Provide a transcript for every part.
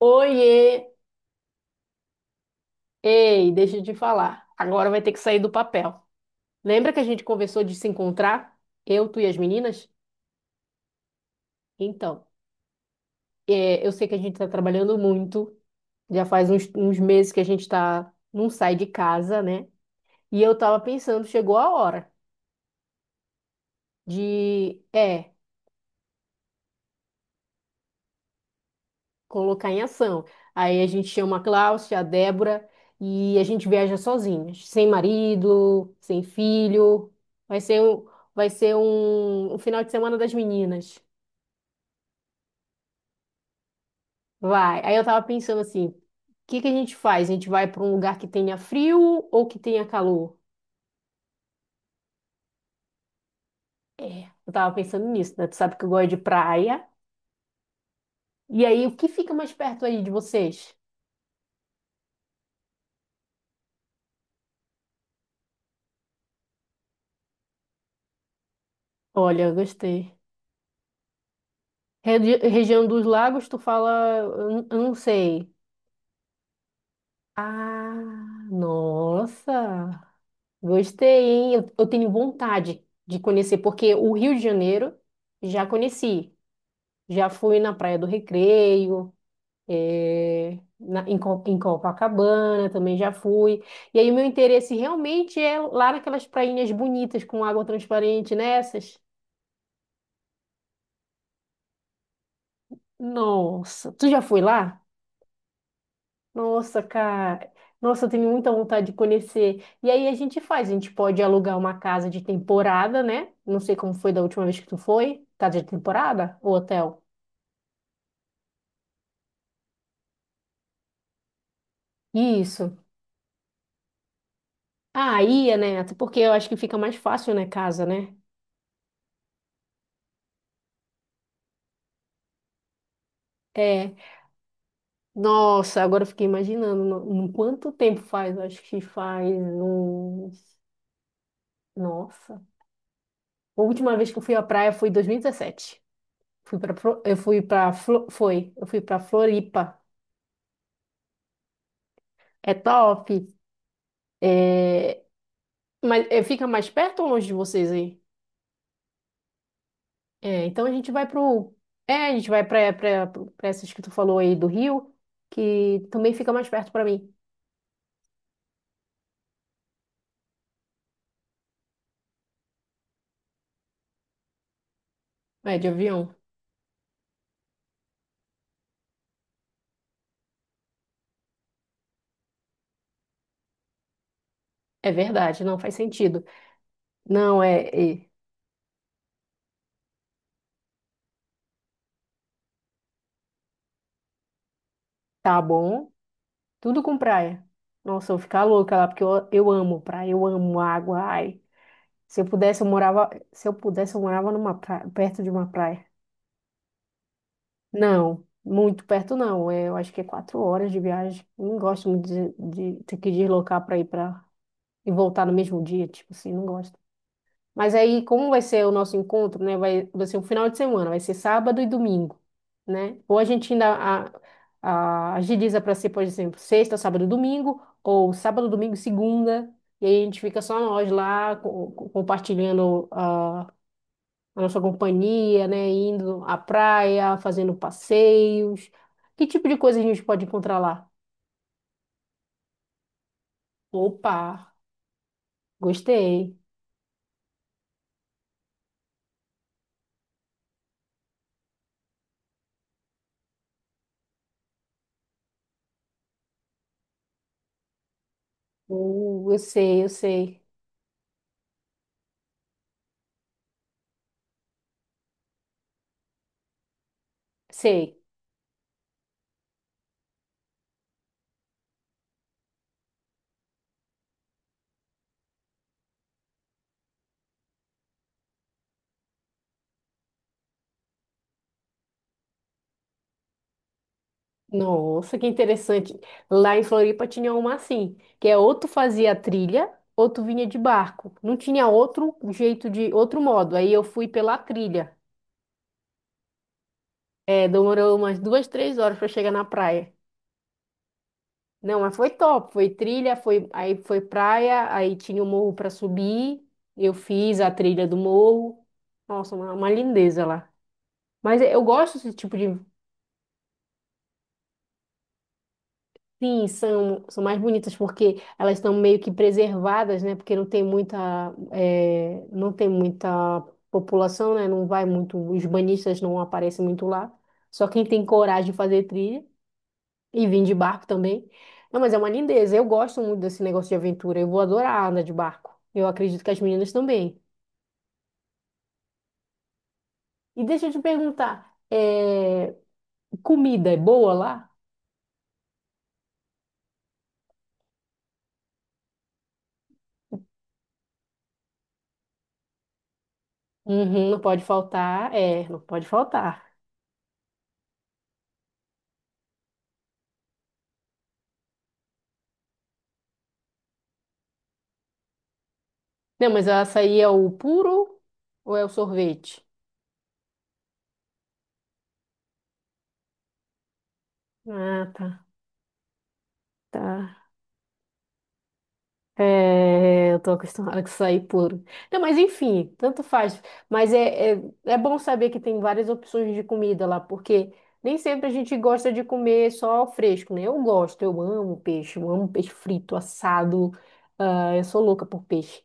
Oiê! Ei, deixa de falar. Agora vai ter que sair do papel. Lembra que a gente conversou de se encontrar? Eu, tu e as meninas? Então, eu sei que a gente está trabalhando muito. Já faz uns meses que a gente tá, não sai de casa, né? E eu tava pensando, chegou a hora de, colocar em ação. Aí a gente chama a Cláudia, a Débora e a gente viaja sozinhas, sem marido, sem filho. Vai ser um, vai ser um final de semana das meninas. Vai. Aí eu tava pensando assim, o que que a gente faz? A gente vai para um lugar que tenha frio ou que tenha calor? Eu tava pensando nisso, né? Tu sabe que eu gosto de praia. E aí, o que fica mais perto aí de vocês? Olha, eu gostei. Região dos Lagos, tu fala, eu não sei. Ah, nossa, gostei, hein? Eu tenho vontade de conhecer, porque o Rio de Janeiro já conheci. Já fui na Praia do Recreio, em Copacabana também já fui. E aí, o meu interesse realmente é lá naquelas prainhas bonitas com água transparente, nessas. Nossa, tu já foi lá? Nossa, cara. Nossa, eu tenho muita vontade de conhecer. E aí a gente faz, a gente pode alugar uma casa de temporada, né? Não sei como foi da última vez que tu foi. Casa de temporada ou hotel? Isso. Ah, ia, né? Até porque eu acho que fica mais fácil, né, casa, né? É. Nossa, agora eu fiquei imaginando no quanto tempo faz. Eu acho que faz uns. Nossa. A última vez que eu fui à praia foi em 2017. Fui para eu fui para foi, eu fui para Floripa. É top. É, fica mais perto ou longe de vocês aí? É, então a gente vai pro. É, a gente vai pra essas que tu falou aí do Rio, que também fica mais perto pra mim. É, de avião. É verdade, não faz sentido. Não, é, é, Tá bom. Tudo com praia. Nossa, eu vou ficar louca lá, porque eu amo praia, eu amo água. Ai, se eu pudesse, eu morava. Se eu pudesse, eu morava numa praia, perto de uma praia. Não, muito perto não. É, eu acho que é 4 horas de viagem. Eu não gosto muito de ter que deslocar para ir para e voltar no mesmo dia, tipo assim, não gosto. Mas aí, como vai ser o nosso encontro, né? Vai ser um final de semana, vai ser sábado e domingo, né? Ou a gente ainda agiliza para ser, por exemplo, sexta, sábado e domingo, ou sábado, domingo e segunda, e aí a gente fica só nós lá compartilhando a nossa companhia, né? Indo à praia, fazendo passeios. Que tipo de coisa a gente pode encontrar lá? Opa, gostei. Eu sei, sei. Nossa, que interessante. Lá em Floripa tinha uma assim, que é ou tu fazia trilha, ou tu vinha de barco. Não tinha outro jeito de, outro modo. Aí eu fui pela trilha. É, demorou umas 2, 3 horas para chegar na praia. Não, mas foi top. Foi trilha, foi, aí foi praia, aí tinha o morro para subir. Eu fiz a trilha do morro. Nossa, uma lindeza lá. Mas eu gosto desse tipo de. Sim, são mais bonitas porque elas estão meio que preservadas, né? Porque não tem muita, não tem muita população, né? Não vai muito, os banhistas não aparecem muito lá. Só quem tem coragem de fazer trilha. E vim de barco também. Não, mas é uma lindeza. Eu gosto muito desse negócio de aventura. Eu vou adorar andar de barco. Eu acredito que as meninas também. E deixa eu te perguntar, comida é boa lá? Uhum, não pode faltar. É, não pode faltar. Não, mas o açaí é o puro ou é o sorvete? Ah, tá. Tá. É, eu tô acostumada com açaí puro. Não, mas enfim, tanto faz. Mas é bom saber que tem várias opções de comida lá, porque nem sempre a gente gosta de comer só o fresco, né? Eu gosto, eu amo peixe frito, assado. Ah, eu sou louca por peixe.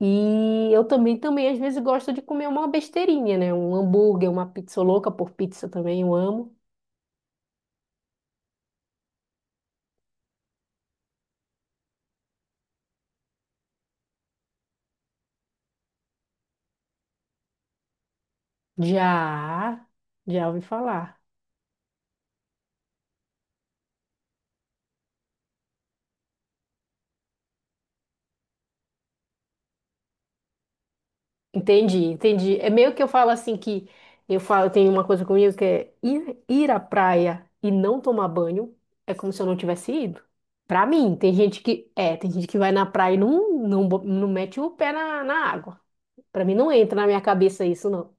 E eu também, também, às vezes, gosto de comer uma besteirinha, né? Um hambúrguer, uma pizza sou louca por pizza também, eu amo. Já, já ouvi falar. Entendi, entendi. É meio que eu falo assim que eu falo, tem uma coisa comigo que é ir à praia e não tomar banho é como se eu não tivesse ido. Pra mim, tem gente que é, tem gente que vai na praia e não mete o pé na água. Pra mim não entra na minha cabeça isso, não.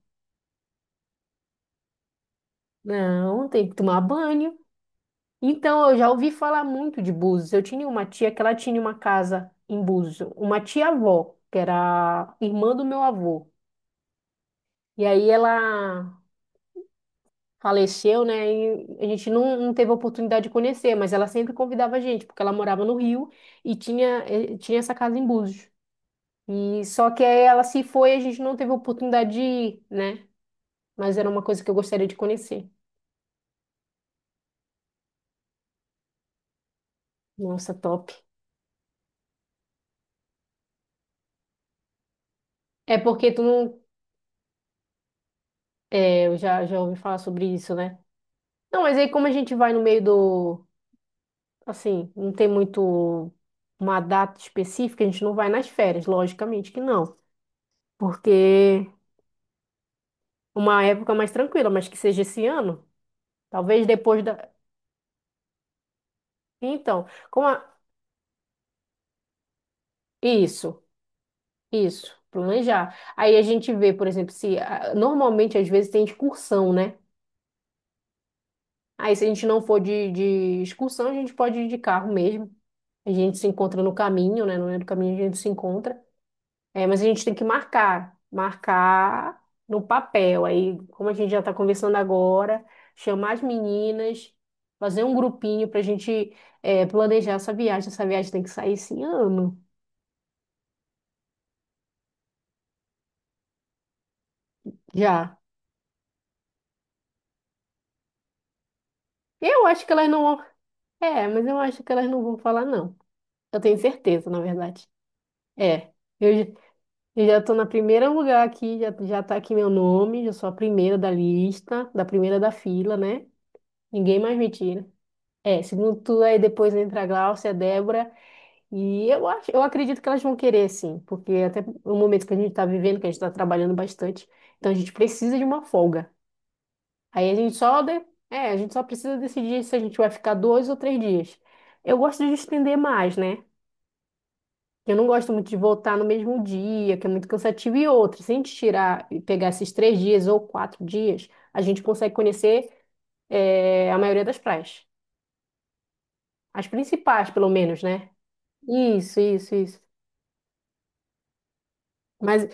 Não, tem que tomar banho. Então, eu já ouvi falar muito de Búzios. Eu tinha uma tia que ela tinha uma casa em Búzios, uma tia-avó, que era irmã do meu avô. E aí ela faleceu, né? E a gente não teve a oportunidade de conhecer, mas ela sempre convidava a gente, porque ela morava no Rio e tinha, tinha essa casa em Búzios. E só que aí ela se foi, a gente não teve a oportunidade de ir, né? Mas era uma coisa que eu gostaria de conhecer. Nossa, top. É porque tu não, é, eu já já ouvi falar sobre isso, né? Não, mas aí como a gente vai no meio do, assim, não tem muito uma data específica, a gente não vai nas férias, logicamente que não, porque uma época mais tranquila, mas que seja esse ano. Talvez depois da. Então, como a... Isso, isso, planejar. Aí a gente vê, por exemplo, se ah, normalmente às vezes tem excursão, né? Aí se a gente não for de excursão, a gente pode ir de carro mesmo. A gente se encontra no caminho, né? No meio do caminho a gente se encontra. É, mas a gente tem que marcar no papel. Aí, como a gente já está conversando agora, chamar as meninas, fazer um grupinho para a gente planejar essa viagem. Essa viagem tem que sair esse ano já. Eu acho que elas não vão. É, mas eu acho que elas não vão falar, não. Eu tenho certeza, na verdade. É. Eu, j- eu já tô na primeira lugar aqui, já, já tá aqui meu nome, já sou a primeira da lista, da primeira da fila, né? Ninguém mais me tira. É, segundo tu, aí depois entra a Glaucia, a Débora, e eu acho, eu acredito que elas vão querer, sim, porque até o momento que a gente tá vivendo, que a gente tá trabalhando bastante, então a gente precisa de uma folga. Aí a gente só de... a gente só precisa decidir se a gente vai ficar dois ou três dias. Eu gosto de estender mais, né? Eu não gosto muito de voltar no mesmo dia, que é muito cansativo. E outra, se a gente tirar e pegar esses três dias ou quatro dias, a gente consegue conhecer, a maioria das praias. As principais, pelo menos, né? Isso, isso, isso. Mas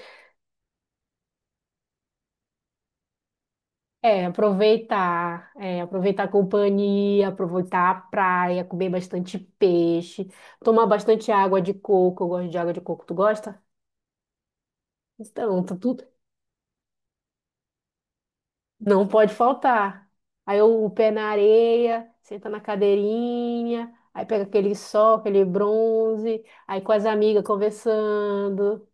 é aproveitar, aproveitar a companhia, aproveitar a praia, comer bastante peixe, tomar bastante água de coco. Eu gosto de água de coco. Tu gosta? Então, tá tudo não pode faltar. Aí eu- o pé na areia, senta na cadeirinha, aí pega aquele sol, aquele bronze, aí com as amigas conversando.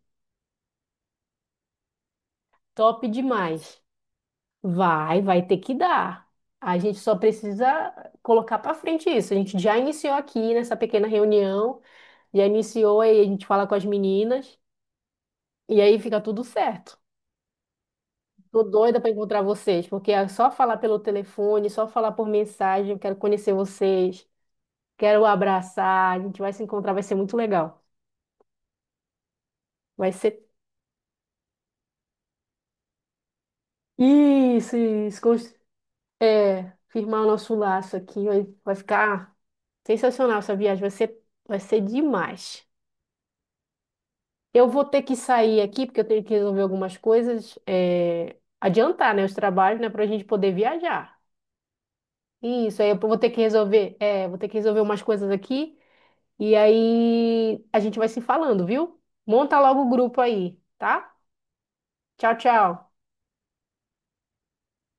Top demais. Vai ter que dar. A gente só precisa colocar para frente isso. A gente já iniciou aqui nessa pequena reunião, já iniciou aí a gente fala com as meninas e aí fica tudo certo. Tô doida para encontrar vocês, porque é só falar pelo telefone, só falar por mensagem, eu quero conhecer vocês, quero abraçar, a gente vai se encontrar, vai ser muito legal. Vai ser isso, isso, firmar o nosso laço aqui, vai ficar sensacional essa viagem, vai ser demais. Eu vou ter que sair aqui, porque eu tenho que resolver algumas coisas, adiantar, né, os trabalhos, né, para a gente poder viajar. Isso, aí eu vou ter que resolver, vou ter que resolver umas coisas aqui. E aí a gente vai se falando, viu? Monta logo o grupo aí, tá? Tchau, tchau.